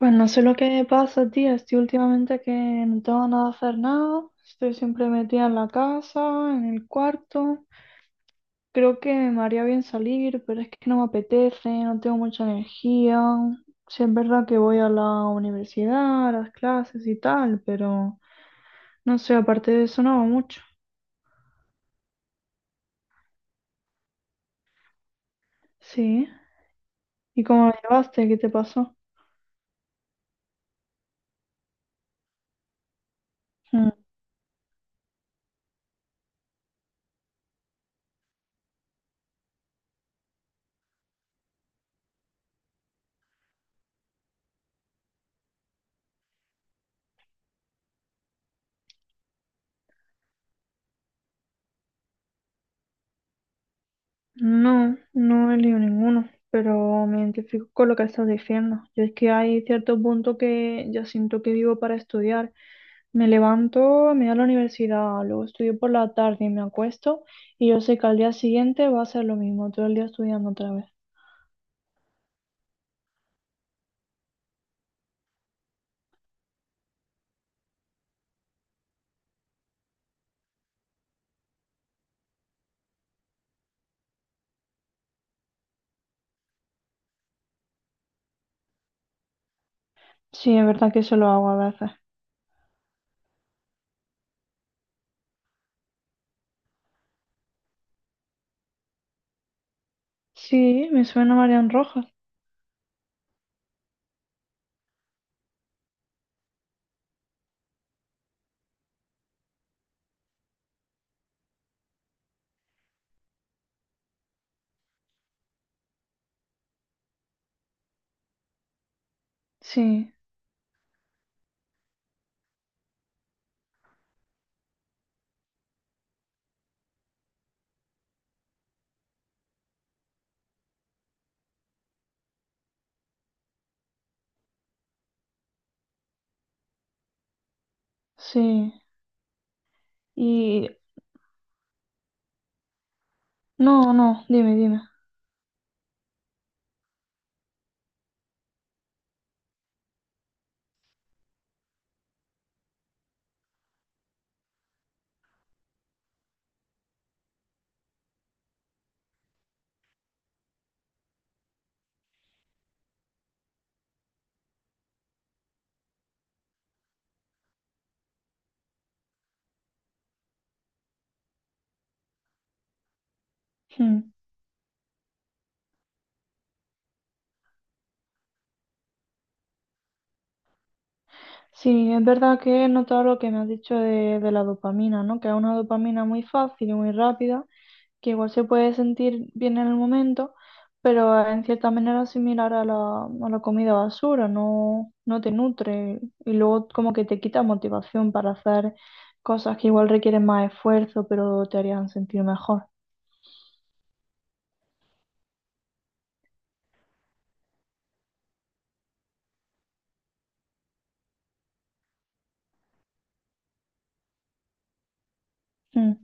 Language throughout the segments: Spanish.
Pues no sé lo que me pasa, tía. Estoy últimamente que no tengo nada que hacer nada. Estoy siempre metida en la casa, en el cuarto. Creo que me haría bien salir, pero es que no me apetece, no tengo mucha energía. Sí, es verdad que voy a la universidad, a las clases y tal, pero no sé, aparte de eso no hago mucho. Sí. ¿Y cómo me llevaste? ¿Qué te pasó? Hmm. No, no he leído ninguno, pero me identifico con lo que estás diciendo. Yo es que hay cierto punto que ya siento que vivo para estudiar. Me levanto, me voy a la universidad, luego estudio por la tarde y me acuesto y yo sé que al día siguiente va a ser lo mismo, todo el día estudiando otra vez. Sí, es verdad que eso lo hago a veces. Sí, me suena Marian Rojas. Sí, sí. Y... No, no, dime, dime. Hmm. Sí, es verdad que he notado lo que me has dicho de la dopamina, ¿no? Que es una dopamina muy fácil y muy rápida, que igual se puede sentir bien en el momento, pero en cierta manera similar a la comida basura, no, no te nutre y luego como que te quita motivación para hacer cosas que igual requieren más esfuerzo, pero te harían sentir mejor. Mm.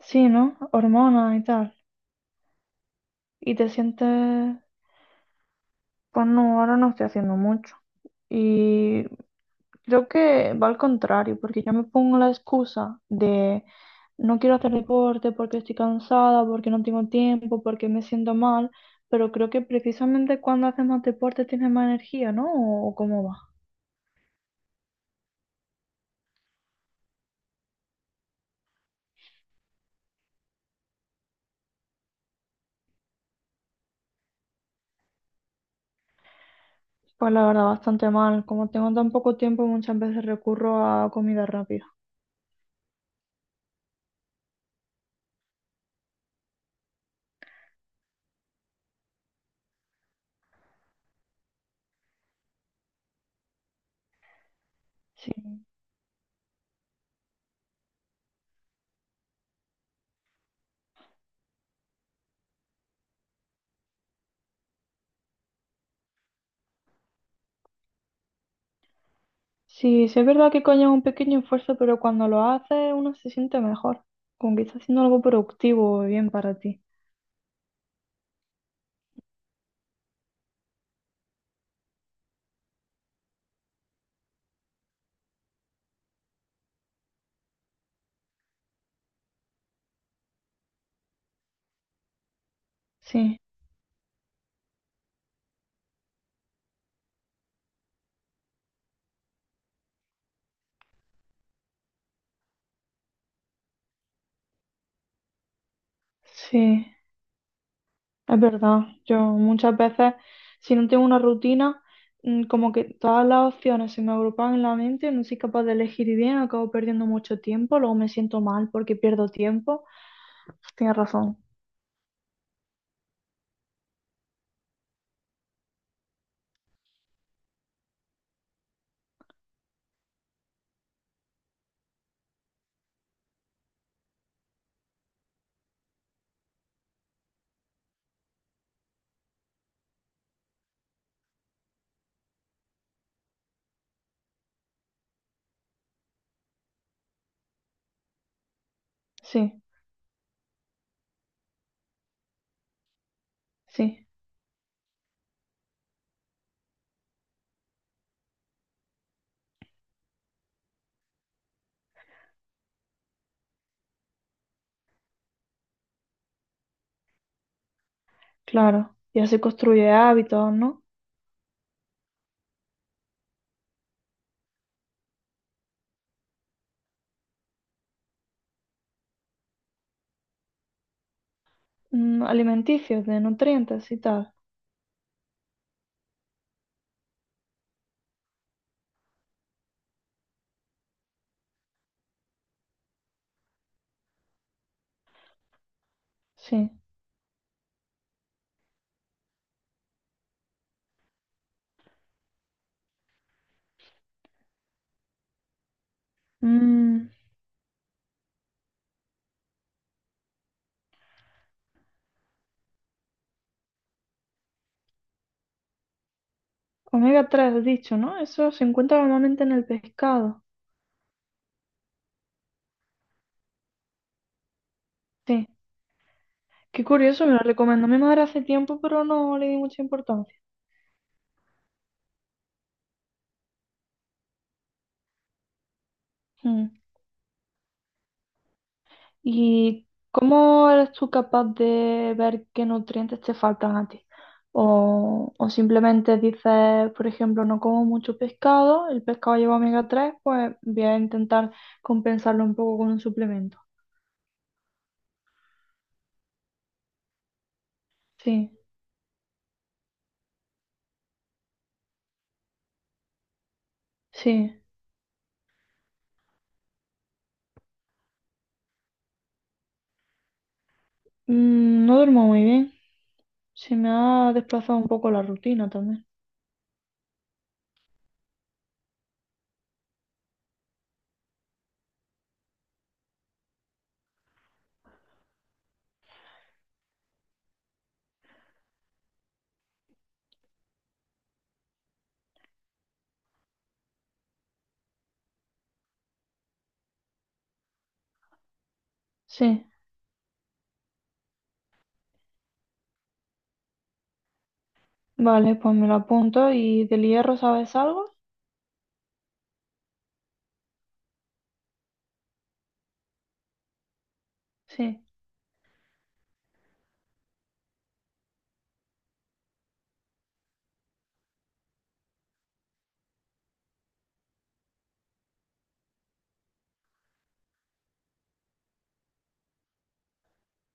Sí, ¿no? Hormonas y tal. Y te sientes Pues no, ahora no estoy haciendo mucho. Y creo que va al contrario, porque yo me pongo la excusa de no quiero hacer deporte porque estoy cansada, porque no tengo tiempo, porque me siento mal, pero creo que precisamente cuando haces más deporte tienes más energía, ¿no? ¿O cómo va? Pues la verdad, bastante mal. Como tengo tan poco tiempo, muchas veces recurro a comida rápida. Sí. Sí, sí es verdad que coño es un pequeño esfuerzo, pero cuando lo haces uno se siente mejor, como que está haciendo algo productivo y bien para ti. Sí, sí, es verdad. Yo muchas veces, si no tengo una rutina, como que todas las opciones se me agrupan en la mente, no soy capaz de elegir bien, acabo perdiendo mucho tiempo, luego me siento mal porque pierdo tiempo. Tienes razón. Sí, sí, claro. Y así construye hábitos, ¿no? Mm, alimenticios, de nutrientes y tal. Sí. Mm, omega tres, has dicho, ¿no? Eso se encuentra normalmente en el pescado. Sí. Qué curioso, me lo recomendó mi madre hace tiempo, pero no le di mucha importancia. Mm. ¿Y cómo eres tú capaz de ver qué nutrientes te faltan a ti? O simplemente dices, por ejemplo, no como mucho pescado, el pescado lleva omega 3, pues voy a intentar compensarlo un poco con un suplemento. Sí, sí. No duermo muy bien. Se me ha desplazado un poco la rutina también. Sí, vale, pues me lo apunto. ¿Y del hierro sabes algo? Sí,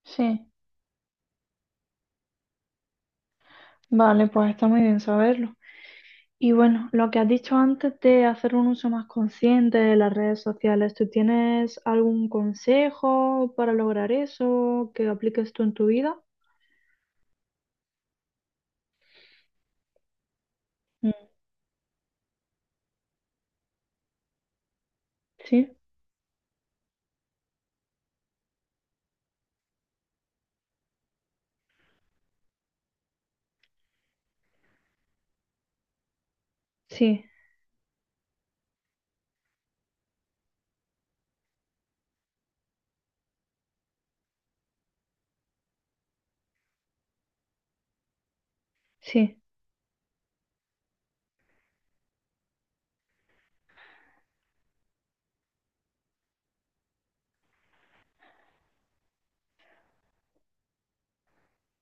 sí. Vale, pues está muy bien saberlo. Y bueno, lo que has dicho antes de hacer un uso más consciente de las redes sociales, ¿tú tienes algún consejo para lograr eso que apliques tú en tu vida? Mm, sí, sí, sí.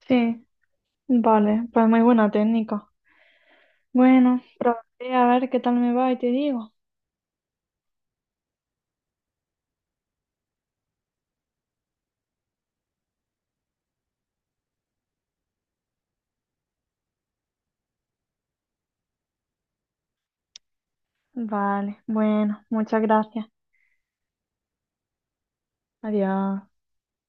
Sí, vale, pues muy buena técnica. Bueno, probaré a ver qué tal me va y te digo. Vale, bueno, muchas gracias. Adiós.